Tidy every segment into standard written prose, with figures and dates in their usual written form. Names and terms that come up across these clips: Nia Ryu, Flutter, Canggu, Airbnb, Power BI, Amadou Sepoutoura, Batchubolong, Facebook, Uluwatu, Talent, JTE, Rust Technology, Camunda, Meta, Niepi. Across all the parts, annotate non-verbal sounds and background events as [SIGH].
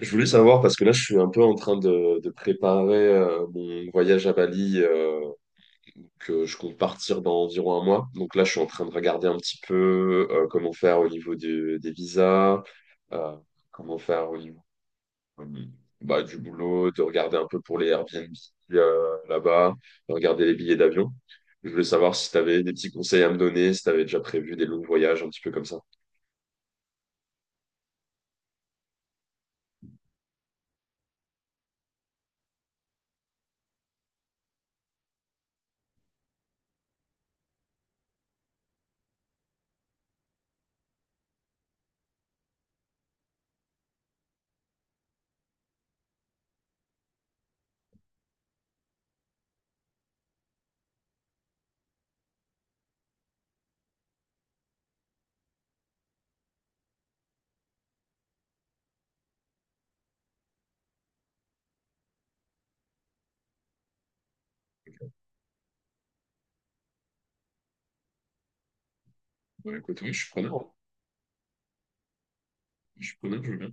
Je voulais savoir, parce que là, je suis un peu en train de préparer mon voyage à Bali, que je compte partir dans environ un mois. Donc là, je suis en train de regarder un petit peu comment faire au niveau des visas, euh, comment faire au niveau euh, bah, du boulot, de regarder un peu pour les Airbnb là-bas, de regarder les billets d'avion. Je voulais savoir si tu avais des petits conseils à me donner, si tu avais déjà prévu des longs voyages, un petit peu comme ça. Bah, écoute, oui, je suis preneur. Je suis preneur, je veux bien.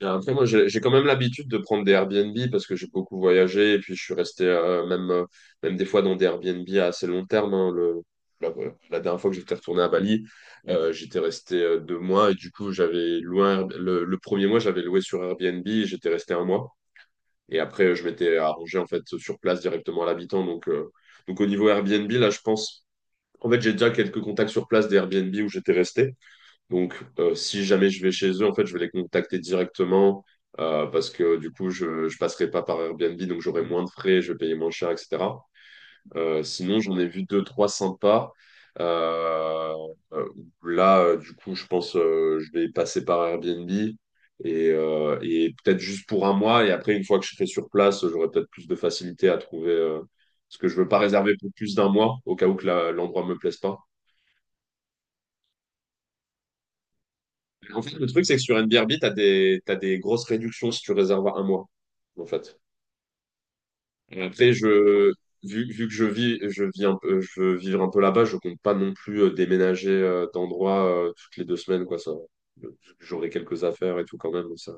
Et après, moi, j'ai quand même l'habitude de prendre des Airbnb parce que j'ai beaucoup voyagé et puis je suis resté même des fois dans des Airbnb à assez long terme, hein. La dernière fois que j'étais retourné à Bali, j'étais resté 2 mois et du coup, j'avais loué le premier mois, j'avais loué sur Airbnb, et j'étais resté un mois et après, je m'étais arrangé en fait sur place directement à l'habitant. Donc, au niveau Airbnb, là, je pense, en fait, j'ai déjà quelques contacts sur place des Airbnb où j'étais resté. Donc, si jamais je vais chez eux, en fait, je vais les contacter directement, parce que du coup, je passerai pas par Airbnb, donc j'aurai moins de frais, je vais payer moins cher, etc. Sinon, j'en ai vu deux, trois sympas. Euh, euh, là, du coup, je pense, je vais passer par Airbnb et peut-être juste pour un mois. Et après, une fois que je serai sur place, j'aurai peut-être plus de facilité à trouver, parce que je veux pas réserver pour plus d'un mois au cas où que l'endroit me plaise pas. En fait, le truc, c'est que sur NBRB, t'as des grosses réductions si tu réserves à un mois, en fait. Et après, vu que je vis, je veux vivre un peu là-bas, je compte pas non plus déménager d'endroit toutes les 2 semaines, quoi, ça. J'aurai quelques affaires et tout quand même, ça.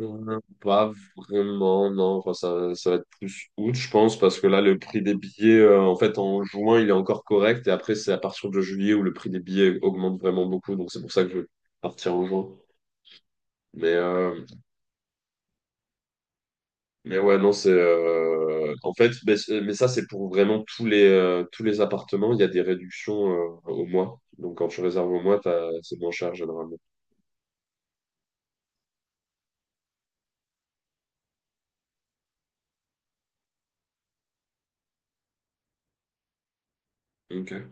Pas vraiment, non. Enfin, ça va être plus août, je pense, parce que là, le prix des billets, en fait, en juin, il est encore correct. Et après, c'est à partir de juillet où le prix des billets augmente vraiment beaucoup. Donc, c'est pour ça que je vais partir en juin. Mais, euh, Mais ouais, non, c'est en fait, mais ça c'est pour vraiment tous les appartements, il y a des réductions au mois. Donc quand tu réserves au mois, c'est moins cher généralement. Ok.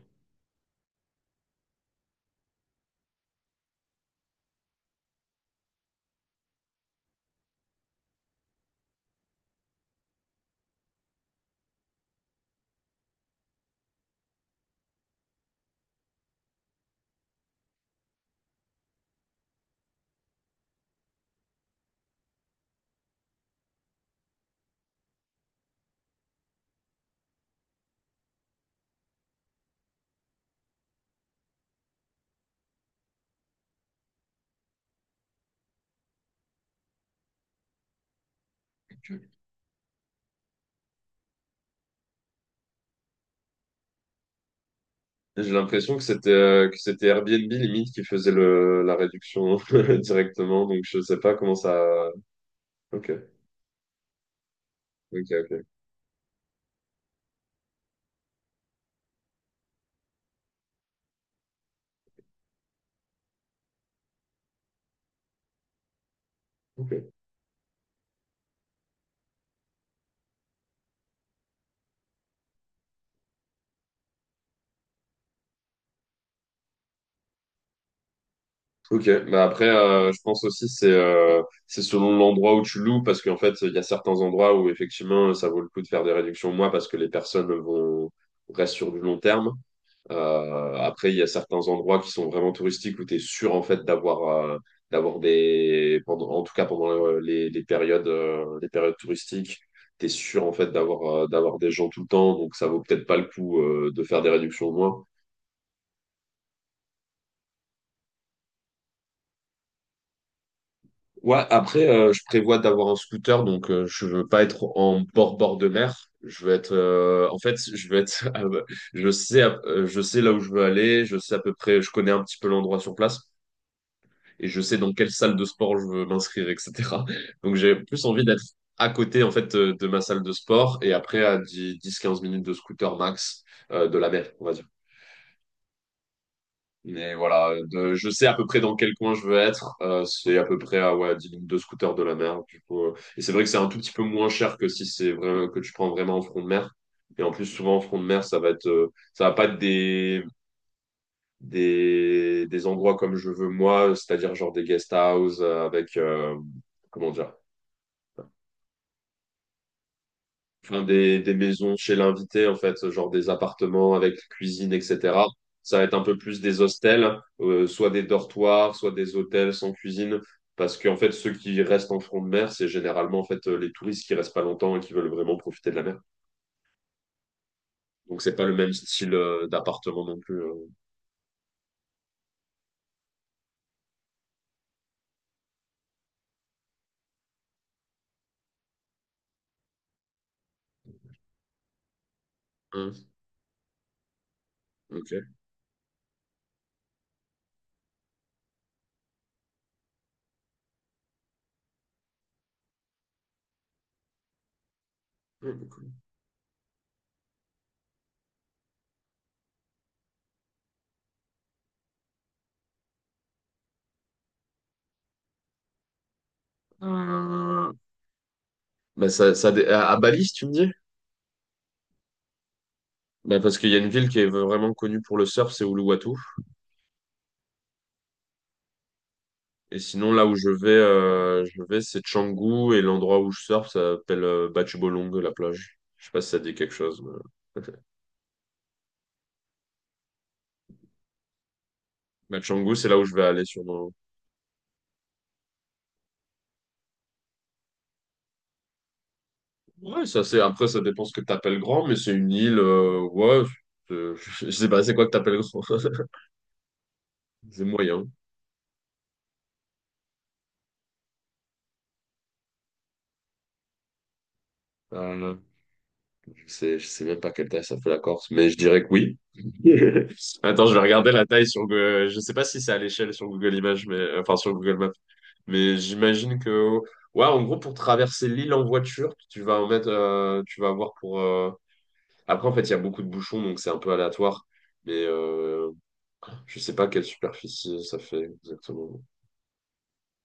Ok. Et j'ai l'impression que c'était Airbnb limite qui faisait le la réduction [LAUGHS] directement. Donc je sais pas comment ça. Ok. Ok. Ok. Ok. Ok, bah après, je pense aussi c'est selon l'endroit où tu loues parce qu'en fait il y a certains endroits où effectivement ça vaut le coup de faire des réductions au mois parce que les personnes vont restent sur du long terme. Après il y a certains endroits qui sont vraiment touristiques où tu es sûr en fait d'avoir des pendant en tout cas pendant les périodes touristiques, tu es sûr en fait d'avoir des gens tout le temps donc ça vaut peut-être pas le coup de faire des réductions au mois. Ouais, après, je prévois d'avoir un scooter, donc je veux pas être en bord-bord de mer. Je veux être, en fait, je veux être, [LAUGHS] je sais là où je veux aller, je sais à peu près, je connais un petit peu l'endroit sur place et je sais dans quelle salle de sport je veux m'inscrire, etc. [LAUGHS] Donc j'ai plus envie d'être à côté, en fait, de ma salle de sport et après à 10 15 minutes de scooter max, de la mer, on va Mais voilà, je sais à peu près dans quel coin je veux être. C'est à peu près à ouais, 10 minutes de scooter de la mer. Du coup, et c'est vrai que c'est un tout petit peu moins cher que si c'est vrai, que tu prends vraiment en front de mer. Et en plus, souvent en front de mer, ça va pas être des, des endroits comme je veux moi, c'est-à-dire genre des guest houses avec, comment dire, enfin des maisons chez l'invité en fait, genre des appartements avec cuisine, etc. Ça va être un peu plus des hostels, soit des dortoirs, soit des hôtels sans cuisine, parce qu'en fait ceux qui restent en front de mer, c'est généralement en fait les touristes qui restent pas longtemps et qui veulent vraiment profiter de la mer. Donc c'est pas le même style d'appartement non plus. Hein, ok. Mmh, cool. Euh, Bah, ça, dé- à Bali, si tu me dis? Bah, parce qu'il y a une ville qui est vraiment connue pour le surf, c'est Uluwatu. Et sinon, là où je vais, c'est Canggu et l'endroit où je surfe, ça s'appelle Batchubolong, la plage. Je sais pas si ça dit quelque chose. Mais... [LAUGHS] Bah, Canggu, c'est là où je vais aller sûrement. Ouais, ça c'est. Après, ça dépend ce que t'appelles grand, mais c'est une île. Ouais, c'est- [LAUGHS] je sais pas, c'est quoi que t'appelles grand? [LAUGHS] C'est moyen. Euh, je sais même pas quelle taille ça fait la Corse, mais je dirais que oui. [LAUGHS] Attends, je vais regarder la taille sur Google. Je sais pas si c'est à l'échelle sur Google Images, mais enfin sur Google Maps. Mais j'imagine que ouais, en gros pour traverser l'île en voiture, tu vas en mettre, tu vas avoir pour. Après en fait, il y a beaucoup de bouchons, donc c'est un peu aléatoire. Mais je sais pas quelle superficie ça fait exactement.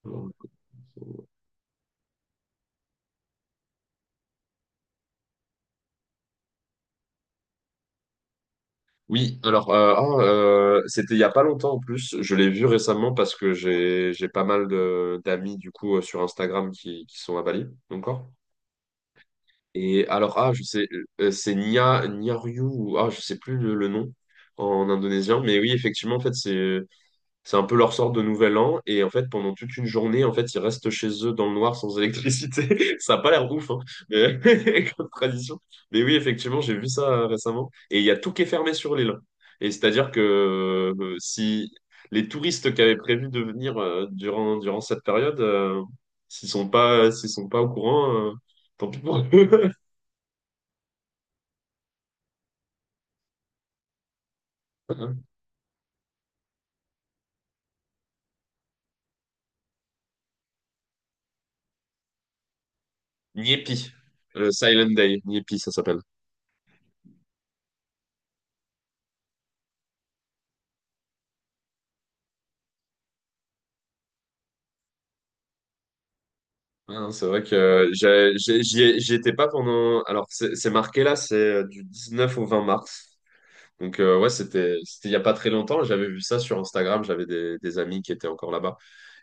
Non. Oui, alors, c'était il y a pas longtemps en plus. Je l'ai vu récemment parce que j'ai pas mal de d'amis du coup sur Instagram qui sont à Bali encore. Et alors, ah, je sais, c'est Nia Nia Ryu ou ah je sais plus le nom en indonésien, mais oui effectivement en fait c'est un peu leur sorte de nouvel an. Et en fait, pendant toute une journée, en fait, ils restent chez eux dans le noir sans électricité. [LAUGHS] Ça a pas l'air ouf, hein, mais... [LAUGHS] comme tradition. Mais oui, effectivement, j'ai vu ça récemment. Et il y a tout qui est fermé sur l'île. Et c'est-à-dire que si les touristes qui avaient prévu de venir durant cette période, s'ils sont pas au courant, tant pis pour eux. [LAUGHS] Niepi, le Silent Day, Niepi, ça s'appelle. Ouais non, c'est vrai que j'y étais pas pendant. Alors, c'est marqué là, c'est du 19 au 20 mars. Donc, ouais, c'était il y a pas très longtemps. J'avais vu ça sur Instagram. J'avais des amis qui étaient encore là-bas.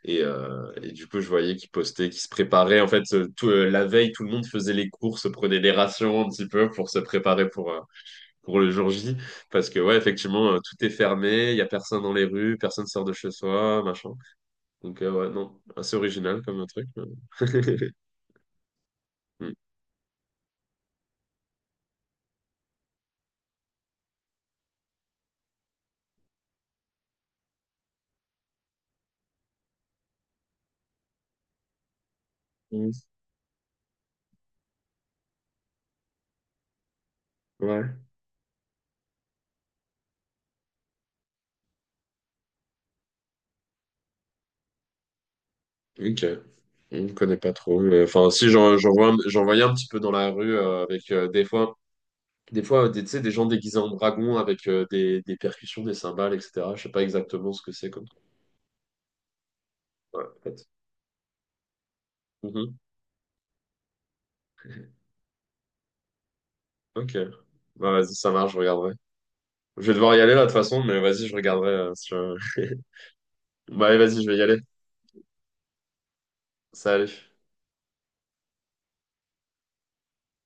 Et du coup, je voyais qu'ils postaient, qu'ils se préparaient. En fait, la veille, tout le monde faisait les courses, prenait des rations un petit peu pour se préparer pour le jour J. Parce que, ouais, effectivement, tout est fermé. Il y a personne dans les rues, personne sort de chez soi, machin. Donc, ouais, non, assez original comme truc. [LAUGHS] Mm. Ouais, ok. On ne connaît pas trop. Enfin, si j'en voyais un petit peu dans la rue avec des fois, tu sais, des gens déguisés en dragons avec des percussions, des cymbales, etc. Je sais pas exactement ce que c'est comme. Ouais, en fait. Mhm. Ok. Bah, vas-y, ça marche, je regarderai. Je vais devoir y aller là de toute façon, mais vas-y, je regarderai. Si je- [LAUGHS] Bah, allez, vas-y, je vais y aller. Salut.